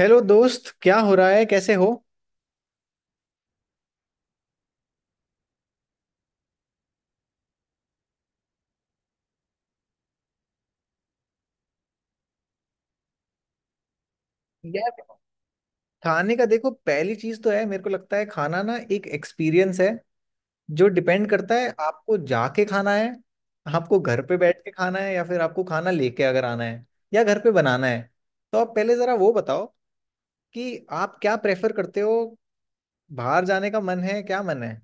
Hello दोस्त, क्या हो रहा है? कैसे हो? यार, खाने का देखो, पहली चीज तो है मेरे को लगता है, खाना ना एक एक्सपीरियंस है जो डिपेंड करता है आपको जाके खाना है, आपको घर पे बैठ के खाना है, या फिर आपको खाना लेके अगर आना है, या घर पे बनाना है। तो आप पहले जरा वो बताओ कि आप क्या प्रेफर करते हो। बाहर जाने का मन है? क्या मन है?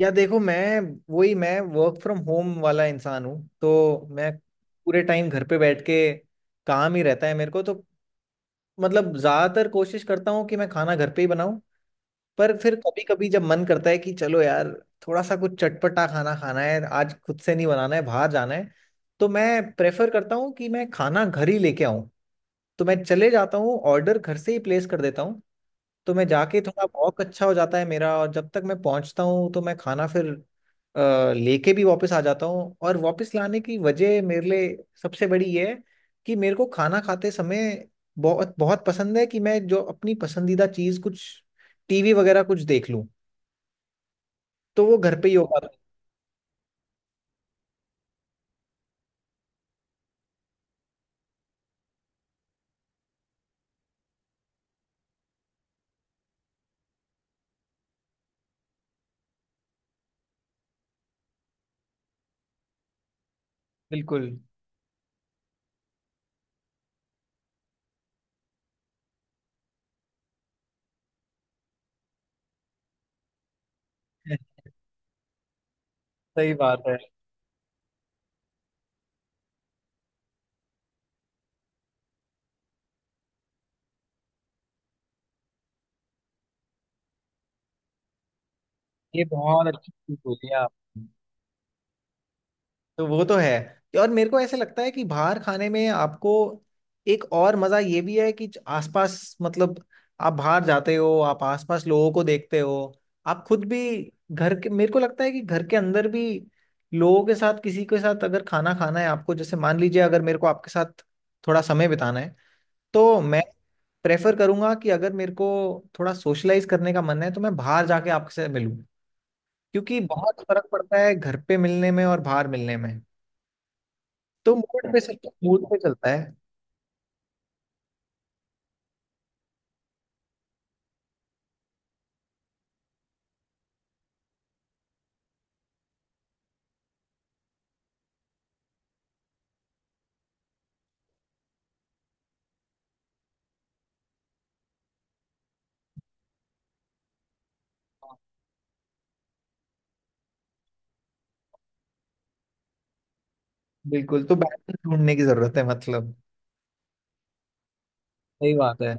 या देखो, मैं वर्क फ्रॉम होम वाला इंसान हूँ, तो मैं पूरे टाइम घर पे बैठ के काम ही रहता है मेरे को, तो मतलब ज्यादातर कोशिश करता हूँ कि मैं खाना घर पे ही बनाऊं। पर फिर कभी कभी जब मन करता है कि चलो यार, थोड़ा सा कुछ चटपटा खाना खाना है, आज खुद से नहीं बनाना है, बाहर जाना है, तो मैं प्रेफर करता हूँ कि मैं खाना घर ही लेके आऊं। तो मैं चले जाता हूँ, ऑर्डर घर से ही प्लेस कर देता हूँ। तो मैं जाके थोड़ा वॉक अच्छा हो जाता है मेरा, और जब तक मैं पहुंचता हूँ तो मैं खाना फिर लेके भी वापस आ जाता हूँ। और वापस लाने की वजह मेरे लिए सबसे बड़ी ये है कि मेरे को खाना खाते समय बहुत बहुत पसंद है कि मैं जो अपनी पसंदीदा चीज़ कुछ टीवी वगैरह कुछ देख लूँ, तो वो घर पे ही हो पाता है। बिल्कुल। सही बात है। ये बहुत अच्छी चीज बोली आप, तो वो तो है। और मेरे को ऐसे लगता है कि बाहर खाने में आपको एक और मजा ये भी है कि आसपास, मतलब आप बाहर जाते हो, आप आसपास लोगों को देखते हो, आप खुद भी घर के, मेरे को लगता है कि घर के अंदर भी लोगों के साथ किसी के साथ अगर खाना खाना है आपको, जैसे मान लीजिए अगर मेरे को आपके साथ थोड़ा समय बिताना है, तो मैं प्रेफर करूंगा कि अगर मेरे को थोड़ा सोशलाइज करने का मन है तो मैं बाहर जाके आपसे मिलूं, क्योंकि बहुत फर्क पड़ता है घर पे मिलने में और बाहर मिलने में। तो मूड पे, सब मूड पे चलता है। बिल्कुल। तो बैलेंस ढूंढने की जरूरत है, मतलब सही बात है।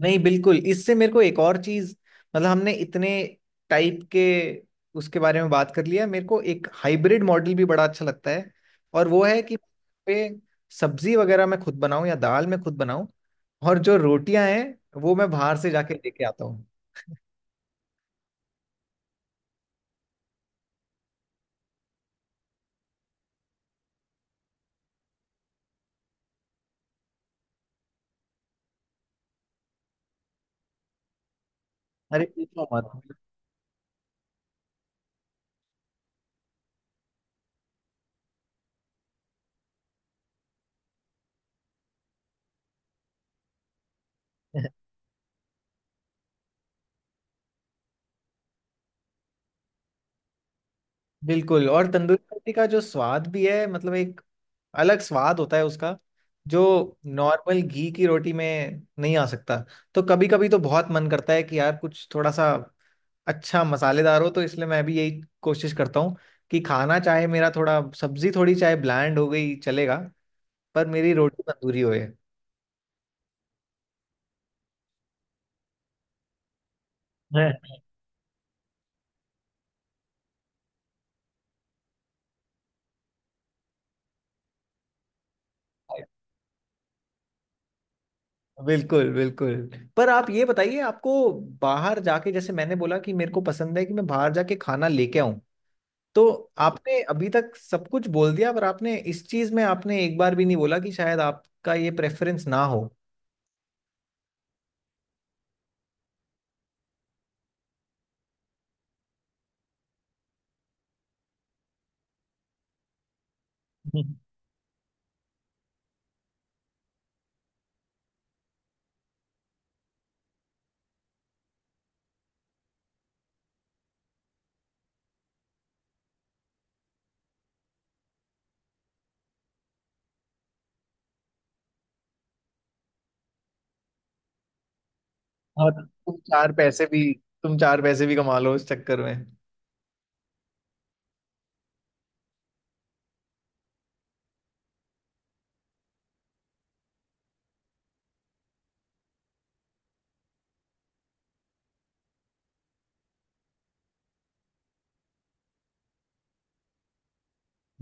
नहीं, बिल्कुल। इससे मेरे को एक और चीज, मतलब हमने इतने टाइप के उसके बारे में बात कर लिया, मेरे को एक हाइब्रिड मॉडल भी बड़ा अच्छा लगता है। और वो है कि पे सब्जी वगैरह मैं खुद बनाऊं, या दाल मैं खुद बनाऊं, और जो रोटियां हैं वो मैं बाहर से जाके लेके आता हूँ। अरे पूछो मत! बिल्कुल। और तंदूरी रोटी का जो स्वाद भी है, मतलब एक अलग स्वाद होता है उसका, जो नॉर्मल घी की रोटी में नहीं आ सकता। तो कभी कभी तो बहुत मन करता है कि यार कुछ थोड़ा सा अच्छा मसालेदार हो, तो इसलिए मैं भी यही कोशिश करता हूँ कि खाना चाहे मेरा थोड़ा, सब्जी थोड़ी चाहे ब्land हो गई चलेगा, पर मेरी रोटी तंदूरी होए है। बिल्कुल बिल्कुल। पर आप ये बताइए, आपको बाहर जाके, जैसे मैंने बोला कि मेरे को पसंद है कि मैं बाहर जाके खाना लेके आऊं, तो आपने अभी तक सब कुछ बोल दिया, पर आपने इस चीज में आपने एक बार भी नहीं बोला कि शायद आपका ये प्रेफरेंस ना हो। हम्म। और तुम चार पैसे भी, तुम चार पैसे भी कमा लो इस चक्कर में।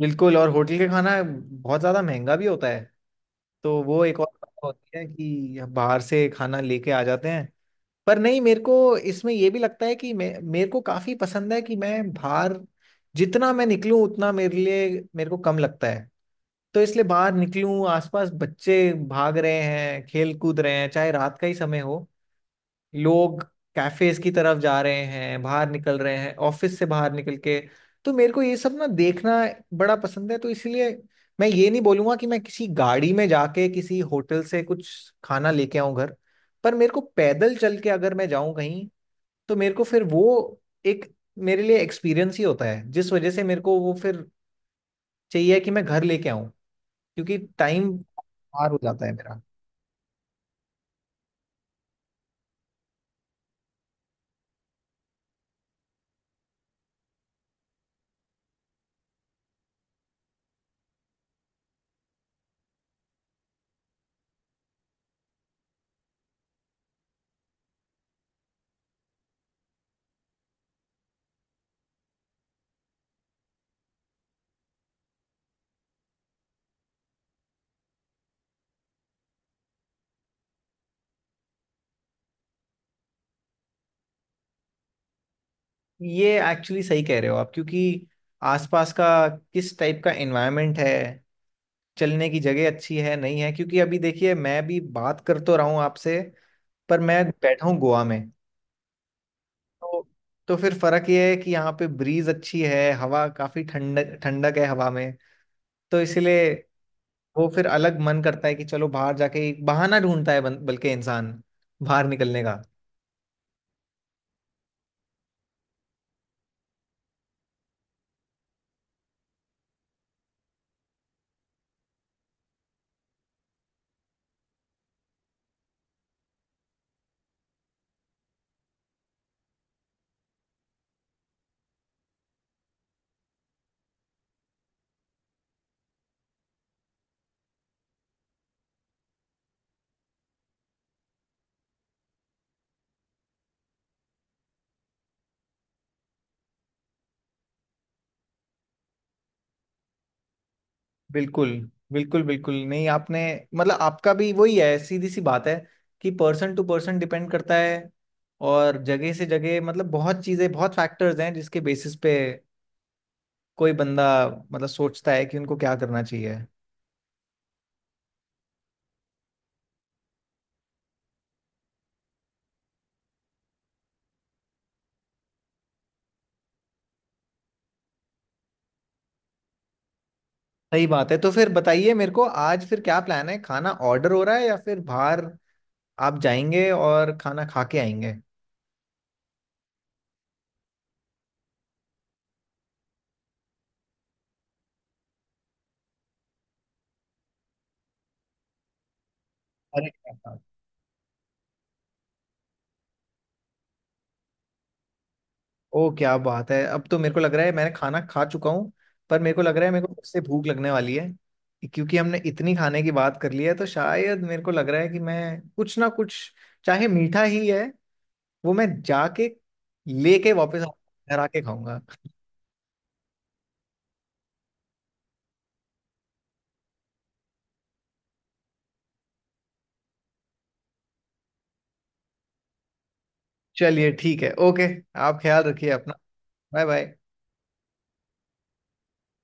बिल्कुल। और होटल का खाना बहुत ज्यादा महंगा भी होता है, तो वो एक और बात होती है कि बाहर से खाना लेके आ जाते हैं। पर नहीं, मेरे को इसमें ये भी लगता है कि मैं, मेरे को काफी पसंद है कि मैं बाहर जितना मैं निकलूं उतना मेरे लिए, मेरे को कम लगता है। तो इसलिए बाहर निकलूं, आसपास बच्चे भाग रहे हैं, खेल कूद रहे हैं, चाहे रात का ही समय हो, लोग कैफेज की तरफ जा रहे हैं, बाहर निकल रहे हैं ऑफिस से बाहर निकल के, तो मेरे को ये सब ना देखना बड़ा पसंद है। तो इसलिए मैं ये नहीं बोलूंगा कि मैं किसी गाड़ी में जाके किसी होटल से कुछ खाना लेके आऊं घर, पर मेरे को पैदल चल के अगर मैं जाऊं कहीं, तो मेरे को फिर वो एक, मेरे लिए एक्सपीरियंस ही होता है, जिस वजह से मेरे को वो फिर चाहिए कि मैं घर लेके आऊं, क्योंकि टाइम पार हो जाता है मेरा। ये एक्चुअली सही कह रहे हो आप, क्योंकि आसपास का किस टाइप का एनवायरनमेंट है, चलने की जगह अच्छी है, नहीं है। क्योंकि अभी देखिए, मैं भी बात कर तो रहा हूँ आपसे, पर मैं बैठा हूँ गोवा में, तो तो फिर फर्क ये है कि यहाँ पे ब्रीज अच्छी है, हवा काफी, ठंड ठंडक है हवा में, तो इसलिए वो फिर अलग मन करता है कि चलो बाहर जाके एक बहाना ढूंढता है, बल्कि इंसान बाहर निकलने का। बिल्कुल बिल्कुल। बिल्कुल नहीं, आपने मतलब आपका भी वही है, सीधी सी बात है कि पर्सन टू पर्सन डिपेंड करता है, और जगह से जगह, मतलब बहुत चीजें, बहुत फैक्टर्स हैं जिसके बेसिस पे कोई बंदा, मतलब, सोचता है कि उनको क्या करना चाहिए। सही बात है। तो फिर बताइए मेरे को, आज फिर क्या प्लान है? खाना ऑर्डर हो रहा है, या फिर बाहर आप जाएंगे और खाना खा के आएंगे? अरे, ओ क्या बात है! अब तो मेरे को लग रहा है मैंने खाना खा चुका हूँ, पर मेरे को लग रहा है मेरे को फिर से भूख लगने वाली है, क्योंकि हमने इतनी खाने की बात कर ली है, तो शायद मेरे को लग रहा है कि मैं कुछ ना कुछ, चाहे मीठा ही है, वो मैं जाके लेके वापस घर आके खाऊंगा। चलिए ठीक है, ओके। आप ख्याल रखिए अपना। Bye bye.